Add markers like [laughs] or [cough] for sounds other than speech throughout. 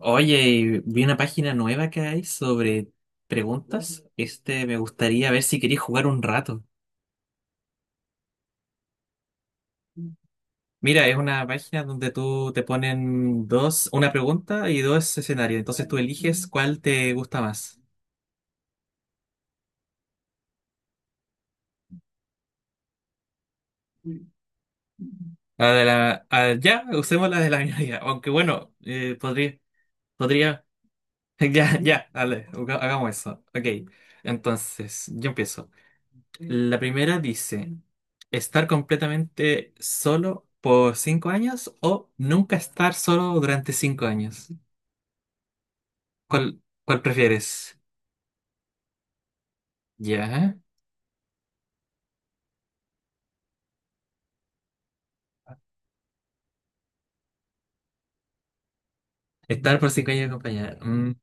Oye, y vi una página nueva que hay sobre preguntas. Me gustaría ver si querías jugar un rato. Mira, es una página donde tú te ponen dos, una pregunta y dos escenarios. Entonces tú eliges cuál te gusta más. Ah, ya, usemos la de la minoría. Aunque bueno, podría, podría. [laughs] Ya, ya, dale, hagamos eso. Ok, entonces, yo empiezo. La primera dice, estar completamente solo por 5 años o nunca estar solo durante 5 años. ¿Cuál prefieres? ¿Ya? Estar por 5 años acompañada. Mm,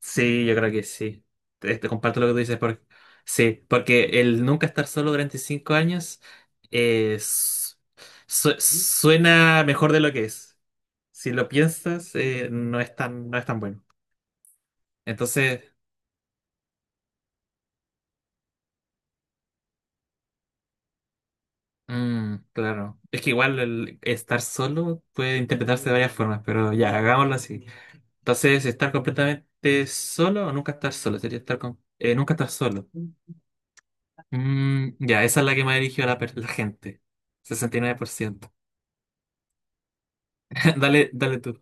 sí, yo creo que sí. Te comparto lo que tú dices. Porque, sí, porque el nunca estar solo durante cinco años es- suena mejor de lo que es. Si lo piensas, no es tan bueno. Entonces. Mm, claro. Es que igual el estar solo puede interpretarse de varias formas, pero ya, hagámoslo así. Entonces, estar completamente solo o nunca estar solo, sería estar con, nunca estar solo. Mm, ya, esa es la que me ha dirigido la gente. 69%. [laughs] Dale, dale tú.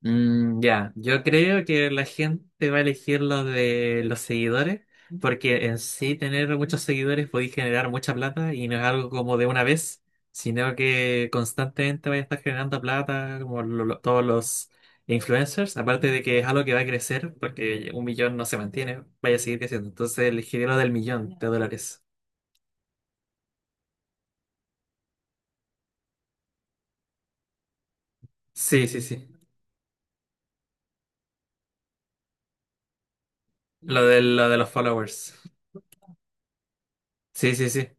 Mm, ya, yo creo que la gente va a elegir lo de los seguidores, porque en sí tener muchos seguidores puede generar mucha plata y no es algo como de una vez, sino que constantemente vaya a estar generando plata, como todos los influencers, aparte de que es algo que va a crecer, porque un millón no se mantiene, vaya a seguir creciendo. Entonces elegiría lo del millón de dólares. Sí, sí, sí. Lo de los followers. Sí, sí, sí.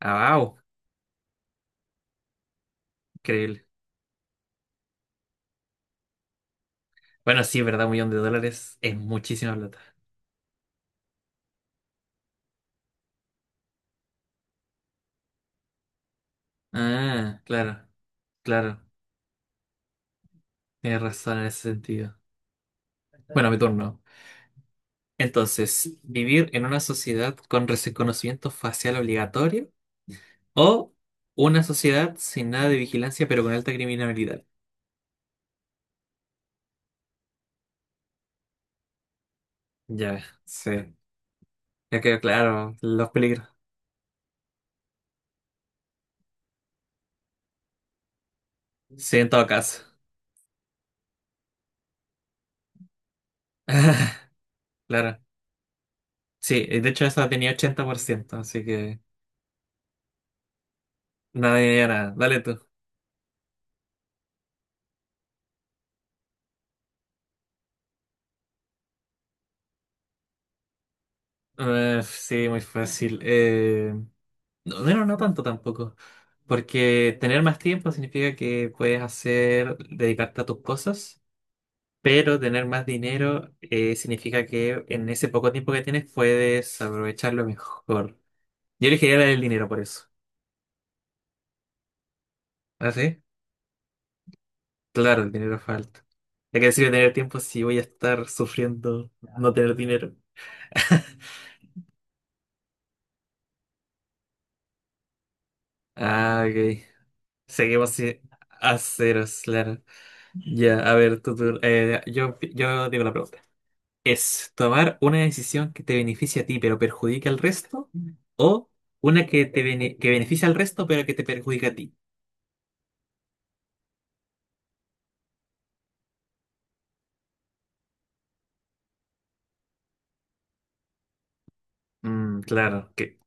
Ah, wow. Increíble. Bueno, sí, es verdad, un millón de dólares es muchísima plata. Ah, claro, claro. Tienes razón en ese sentido. Bueno, mi turno. Entonces, ¿vivir en una sociedad con reconocimiento facial obligatorio o una sociedad sin nada de vigilancia pero con alta criminalidad? Ya, sí. Ya quedó claro los peligros. Sí, en todo caso. [laughs] Claro. Sí, de hecho esa tenía 80%, así que nada, nada. Dale tú. Sí, muy fácil. No, bueno, no tanto tampoco. Porque tener más tiempo significa que puedes hacer, dedicarte a tus cosas, pero tener más dinero significa que en ese poco tiempo que tienes puedes aprovecharlo mejor. Yo elegiría el dinero por eso. ¿Ah, sí? Claro, el dinero falta. ¿De qué sirve tener tiempo si voy a estar sufriendo no tener dinero? Ah, ok. Seguimos así a ceros, claro. Ya, a ver, tú, yo digo la pregunta. Es tomar una decisión que te beneficie a ti pero perjudique al resto o una que beneficia al resto pero que te perjudica a ti. Mm, claro, que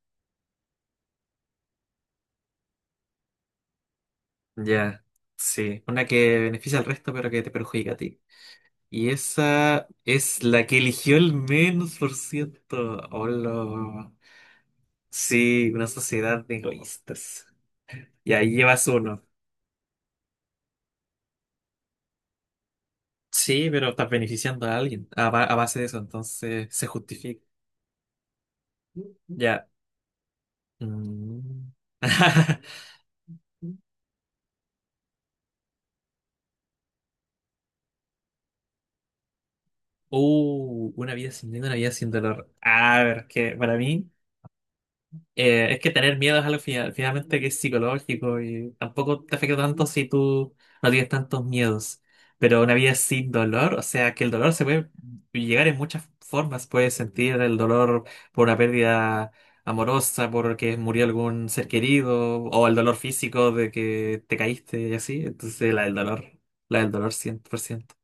ya, sí, una que beneficia al resto pero que te perjudica a ti. Y esa es la que eligió el menos por ciento. Hola. Sí, una sociedad de egoístas. Y ahí llevas uno. Sí, pero estás beneficiando a alguien a base de eso, entonces se justifica. Ya. Mm. [laughs] Una vida sin miedo, una vida sin dolor. A ver, que para mí es que tener miedo es algo finalmente que es psicológico y tampoco te afecta tanto si tú no tienes tantos miedos. Pero una vida sin dolor, o sea, que el dolor se puede llegar en muchas formas. Puedes sentir el dolor por una pérdida amorosa, porque murió algún ser querido, o el dolor físico de que te caíste y así. Entonces, la del dolor 100%.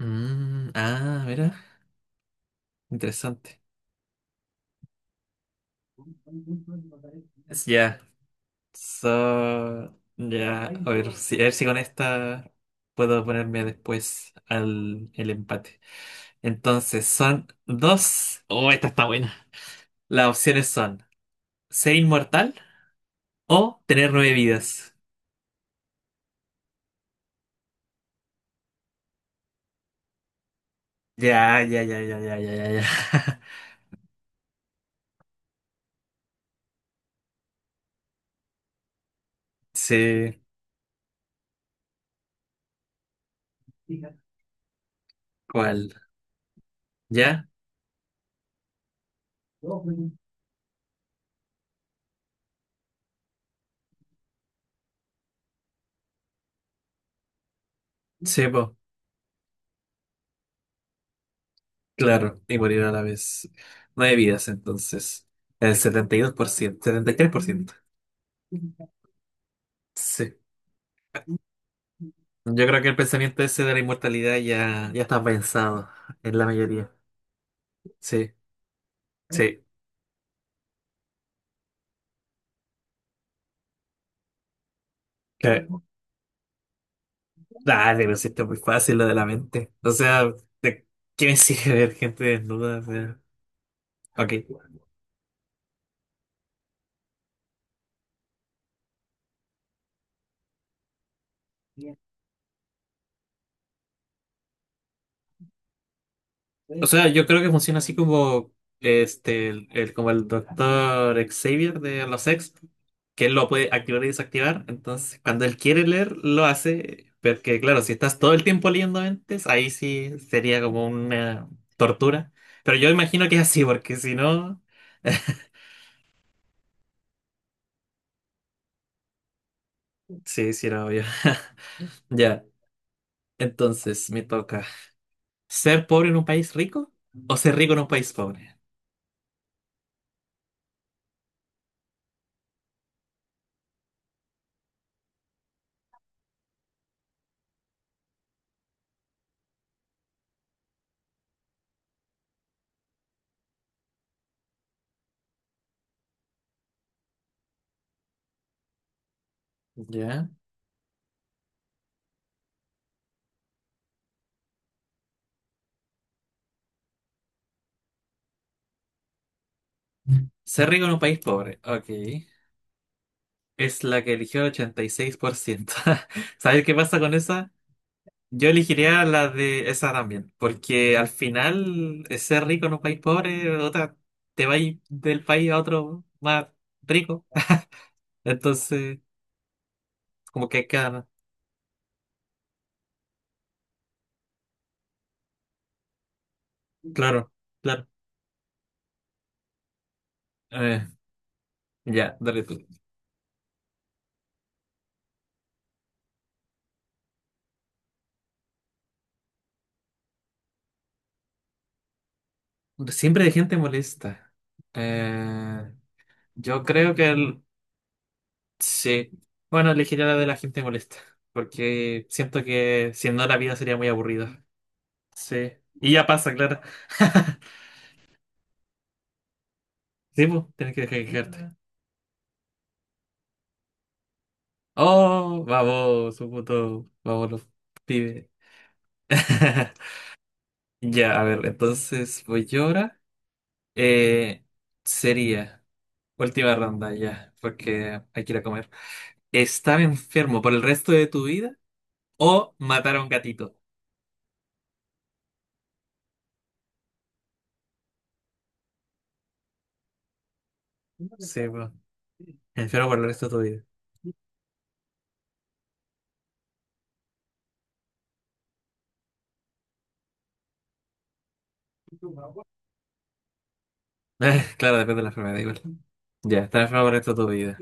Mm, ah, mira, interesante. Ya, so, ya, a ver si, con esta puedo ponerme después al el empate. Entonces, son dos. Oh, esta está buena. Las opciones son ser inmortal o tener 9 vidas. Ya, ya, ya, ya, ya, ya, ya, ya. [laughs] Sí, ¿cuál? ¿Ya? Sí, po, claro, y morir a la vez. 9 vidas, entonces. El setenta y dos por ciento, setenta y tres por ciento. Sí. Yo creo que el pensamiento ese de la inmortalidad ya, ya está pensado en la mayoría. Sí, sí. Que- Dale, pero si esto es muy fácil lo de la mente. O sea, ¿de qué me sirve [laughs] ver gente desnuda? O sea, ok. O sea, yo creo que funciona así como como el doctor Xavier de los X, que él lo puede activar y desactivar. Entonces, cuando él quiere leer, lo hace. Porque, claro, si estás todo el tiempo leyendo mentes, ahí sí sería como una tortura. Pero yo imagino que es así, porque si no. [laughs] Sí, sí, era obvio. [laughs] Ya, entonces me toca. ¿Ser pobre en un país rico o ser rico en un país pobre? Ya. Ser rico en un país pobre, ok. Es la que eligió el 86%. [laughs] ¿Sabes qué pasa con esa? Yo elegiría la de esa también, porque al final ser rico en un país pobre, otra, te vas del país a otro más rico. Entonces, como que queda, claro, claro. Eh, ya, dale tú. Siempre hay gente molesta. Eh, yo creo que sí. Bueno, elegiría la de la gente molesta, porque siento que si no la vida sería muy aburrida. Sí. Y ya pasa, claro. [laughs] Sí, pues, tienes que dejar de quejarte. Oh, vamos, un punto. Vamos, los pibes. [laughs] Ya, a ver, entonces voy yo ahora. Eh, sería última ronda ya, porque hay que ir a comer. ¿Estar enfermo por el resto de tu vida o matar a un gatito? Sí, pues, enfermo por el resto de tu vida. [laughs] Claro, depende de la enfermedad, igual. Ya, estar enfermo por el resto de tu vida.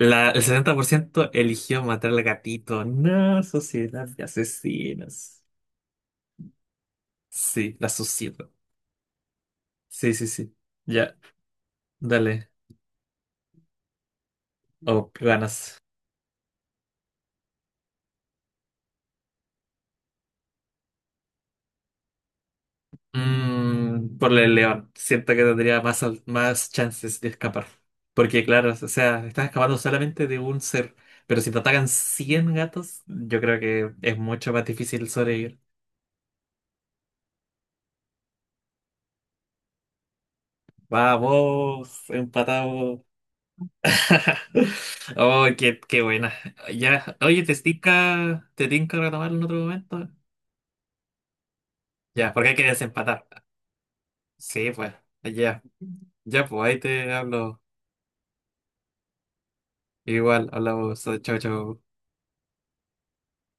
El 70% eligió matar al gatito. No, sociedad de asesinos. Sí, la sociedad. Sí, sí, sí. Ya, dale. O ganas. Mm, por el león. Siento que tendría más chances de escapar. Porque, claro, o sea, estás escapando solamente de un ser. Pero si te atacan 100 gatos, yo creo que es mucho más difícil sobrevivir. Vamos, empatado. [laughs] Oh, qué buena. Ya, oye, ¿te tinca, retomar en otro momento? Ya, porque hay que desempatar. Sí, pues, ya, ya, pues, ahí te hablo. Igual, hablamos, chao, chao.